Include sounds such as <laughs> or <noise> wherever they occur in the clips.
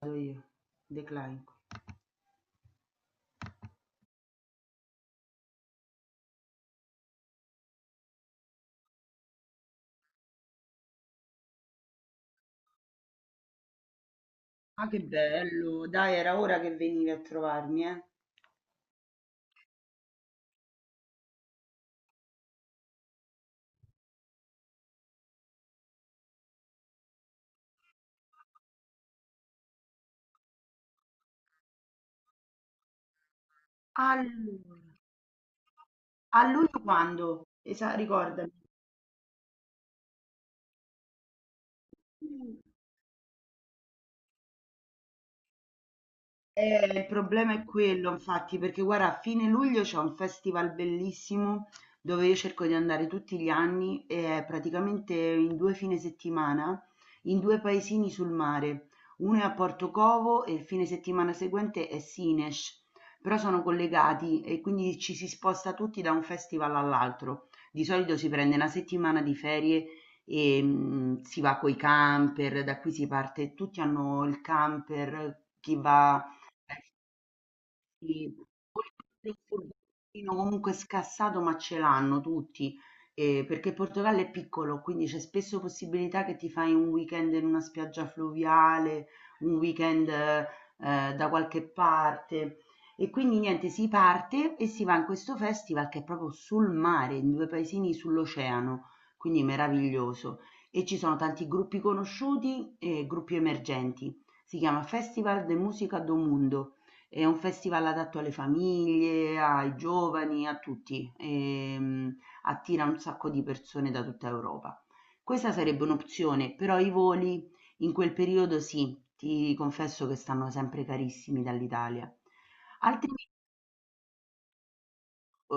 Vado io, declaico. Ah, che bello! Dai, era ora che venivi a trovarmi, eh. Allora, a luglio quando? Ricordami. Il problema è quello, infatti, perché guarda, a fine luglio c'è un festival bellissimo dove io cerco di andare tutti gli anni e è praticamente in due fine settimana in due paesini sul mare. Uno è a Portocovo e il fine settimana seguente è Sines, però sono collegati e quindi ci si sposta tutti da un festival all'altro. Di solito si prende una settimana di ferie e si va coi camper, da qui si parte, tutti hanno il camper, chi va eh sì, oltretutto il furbettino comunque scassato, ma ce l'hanno tutti, perché il Portogallo è piccolo, quindi c'è spesso possibilità che ti fai un weekend in una spiaggia fluviale, un weekend, da qualche parte. E quindi niente, si parte e si va in questo festival che è proprio sul mare, in due paesini sull'oceano, quindi meraviglioso. E ci sono tanti gruppi conosciuti e gruppi emergenti. Si chiama Festival de Música do Mundo. È un festival adatto alle famiglie, ai giovani, a tutti, attira un sacco di persone da tutta Europa. Questa sarebbe un'opzione, però i voli in quel periodo sì, ti confesso che stanno sempre carissimi dall'Italia. Altrimenti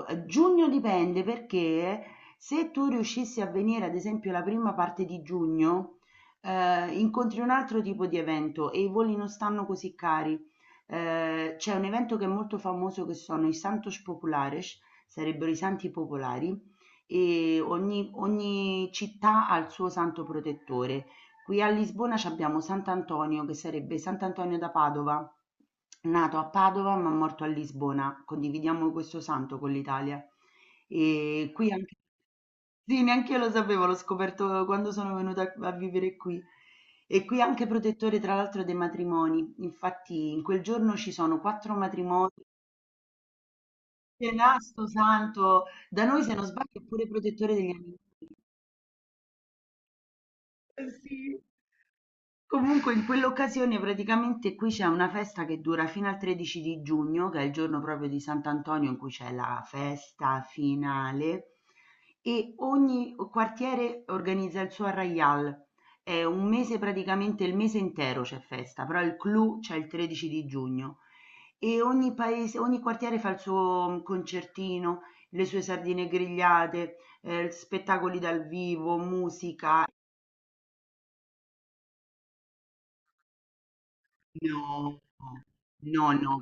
giugno dipende perché se tu riuscissi a venire ad esempio la prima parte di giugno, incontri un altro tipo di evento e i voli non stanno così cari. C'è un evento che è molto famoso che sono i Santos Populares, sarebbero i santi popolari, e ogni città ha il suo santo protettore. Qui a Lisbona c'abbiamo sant'Antonio che sarebbe sant'Antonio da Padova, nato a Padova ma morto a Lisbona. Condividiamo questo santo con l'Italia. E qui anche sì, neanche io lo sapevo, l'ho scoperto quando sono venuta a vivere qui. E qui anche protettore, tra l'altro, dei matrimoni. Infatti, in quel giorno ci sono quattro matrimoni. Che nasto santo! Da noi, se non sbaglio, è pure protettore degli animali. Sì. Comunque in quell'occasione praticamente qui c'è una festa che dura fino al 13 di giugno, che è il giorno proprio di Sant'Antonio in cui c'è la festa finale e ogni quartiere organizza il suo arraial. È un mese praticamente, il mese intero c'è festa, però il clou c'è il 13 di giugno e ogni paese, ogni quartiere fa il suo concertino, le sue sardine grigliate, spettacoli dal vivo, musica. No, no, no.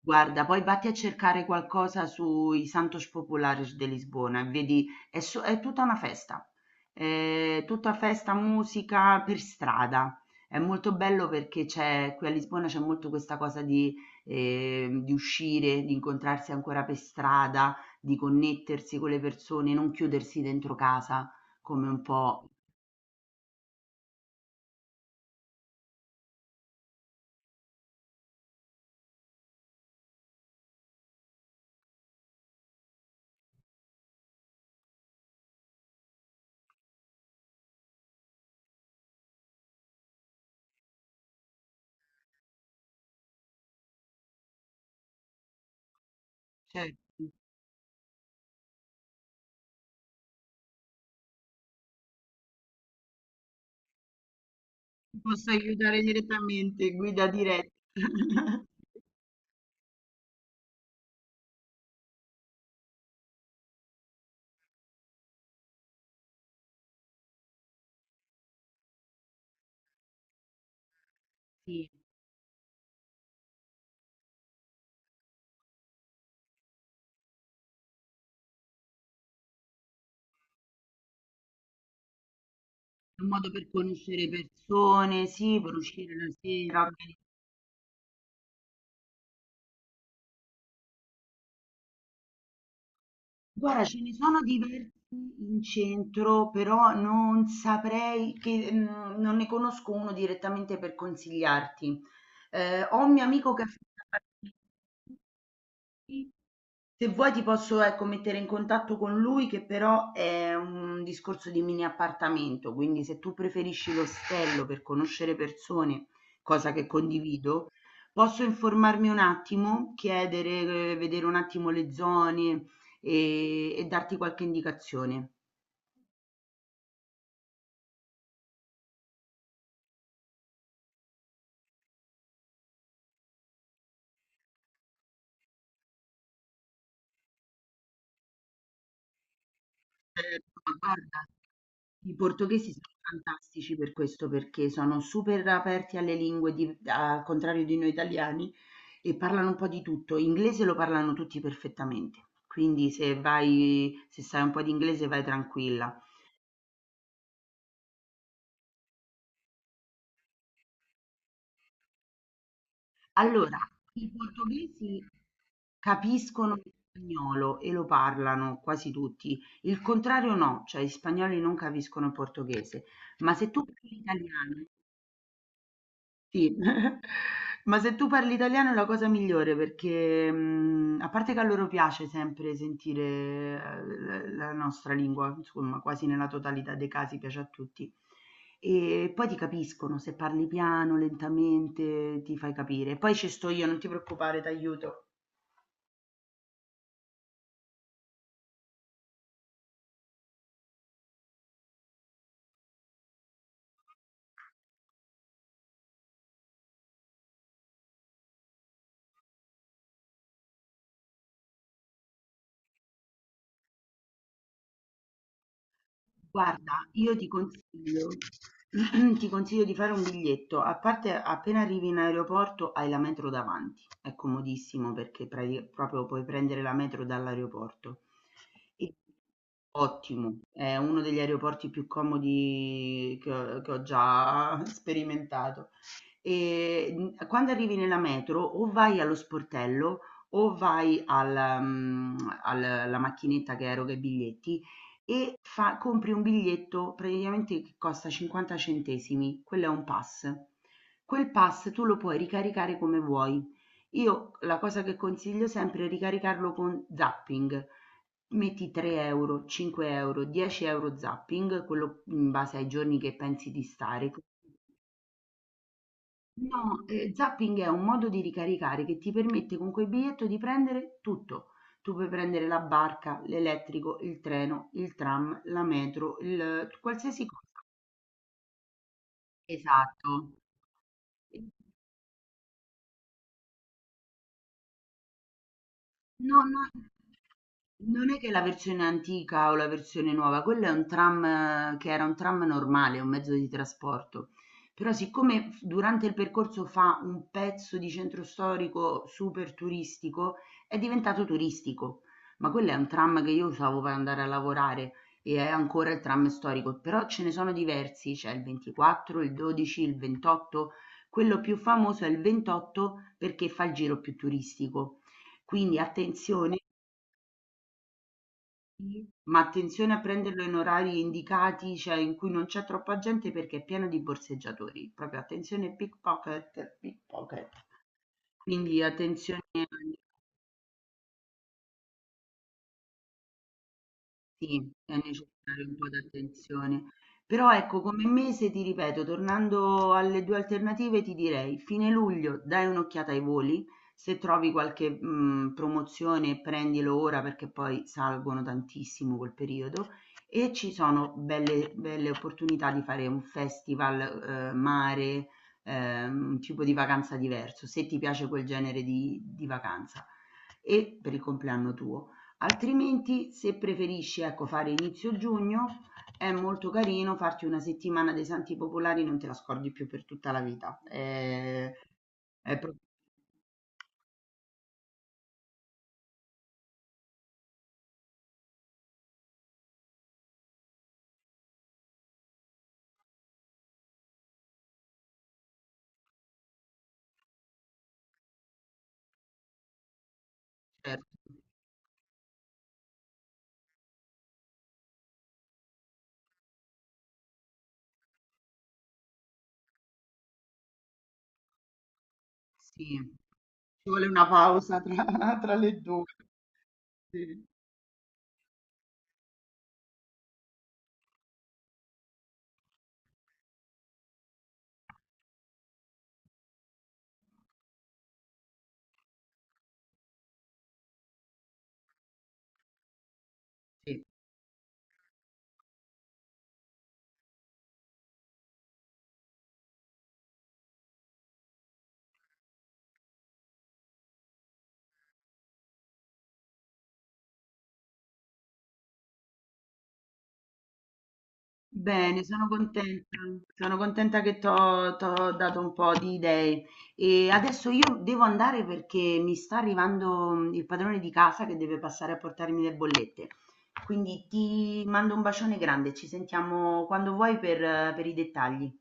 Guarda, poi vatti a cercare qualcosa sui Santos Populares de Lisbona e vedi, è, è tutta una festa, è tutta festa, musica per strada. È molto bello perché c'è, qui a Lisbona c'è molto questa cosa di uscire, di incontrarsi ancora per strada, di connettersi con le persone, non chiudersi dentro casa come un po'. Certo, ti posso aiutare direttamente, guida diretta. <laughs> Sì. È un modo per conoscere persone, sì, per uscire la sera. Organi- Guarda, ce ne sono diversi in centro, però non saprei che non ne conosco uno direttamente per consigliarti. Ho un mio amico che ha fatto sì. Se vuoi ti posso, ecco, mettere in contatto con lui che però è un discorso di mini appartamento, quindi se tu preferisci l'ostello per conoscere persone, cosa che condivido, posso informarmi un attimo, chiedere, vedere un attimo le zone e darti qualche indicazione. Certo, ma guarda, i portoghesi sono fantastici per questo, perché sono super aperti alle lingue, al contrario di noi italiani, e parlano un po' di tutto. Inglese lo parlano tutti perfettamente, quindi se vai, se sai un po' di inglese vai tranquilla. Allora, i portoghesi capiscono lo spagnolo e lo parlano quasi tutti, il contrario no, cioè gli spagnoli non capiscono il portoghese, ma se tu parli italiano sì, <laughs> ma se tu parli italiano è la cosa migliore perché, a parte che a loro piace sempre sentire la nostra lingua, insomma, quasi nella totalità dei casi piace a tutti. E poi ti capiscono, se parli piano, lentamente, ti fai capire. Poi ci sto io, non ti preoccupare, ti aiuto. Guarda, io ti consiglio, <clears throat> ti consiglio di fare un biglietto, a parte appena arrivi in aeroporto hai la metro davanti, è comodissimo perché proprio puoi prendere la metro dall'aeroporto. E- Ottimo, è uno degli aeroporti più comodi che ho già <laughs> sperimentato. E quando arrivi nella metro o vai allo sportello o vai al, alla macchinetta che eroga i biglietti e compri un biglietto praticamente che costa 50 centesimi, quello è un pass. Quel pass tu lo puoi ricaricare come vuoi. Io la cosa che consiglio sempre è ricaricarlo con zapping. Metti 3 euro, 5 euro, 10 euro zapping, quello in base ai giorni che pensi di stare. No, zapping è un modo di ricaricare che ti permette con quel biglietto di prendere tutto. Tu puoi prendere la barca, l'elettrico, il treno, il tram, la metro, il qualsiasi cosa. Esatto. No, no, non è che la versione antica o la versione nuova, quello è un tram che era un tram normale, un mezzo di trasporto. Però siccome durante il percorso fa un pezzo di centro storico super turistico, è diventato turistico. Ma quello è un tram che io usavo per andare a lavorare e è ancora il tram storico, però ce ne sono diversi, c'è il 24, il 12, il 28. Quello più famoso è il 28 perché fa il giro più turistico quindi attenzione sì, ma attenzione a prenderlo in orari indicati, cioè in cui non c'è troppa gente perché è pieno di borseggiatori. Proprio attenzione pickpocket, pickpocket. Quindi attenzione sì, è necessario un po' d'attenzione. Però ecco, come mese ti ripeto, tornando alle 2 alternative, ti direi fine luglio dai un'occhiata ai voli, se trovi qualche promozione prendilo ora perché poi salgono tantissimo quel periodo e ci sono belle opportunità di fare un festival, mare, un tipo di vacanza diverso, se ti piace quel genere di vacanza e per il compleanno tuo. Altrimenti, se preferisci ecco fare inizio giugno, è molto carino farti una settimana dei Santi Popolari, non te la scordi più per tutta la vita. È proprio certo. Sì, ci vuole una pausa tra, <laughs> tra le due. Sì. Sì. Bene, sono contenta che ti ho dato un po' di idee. E adesso io devo andare perché mi sta arrivando il padrone di casa che deve passare a portarmi le bollette. Quindi ti mando un bacione grande, ci sentiamo quando vuoi per i dettagli.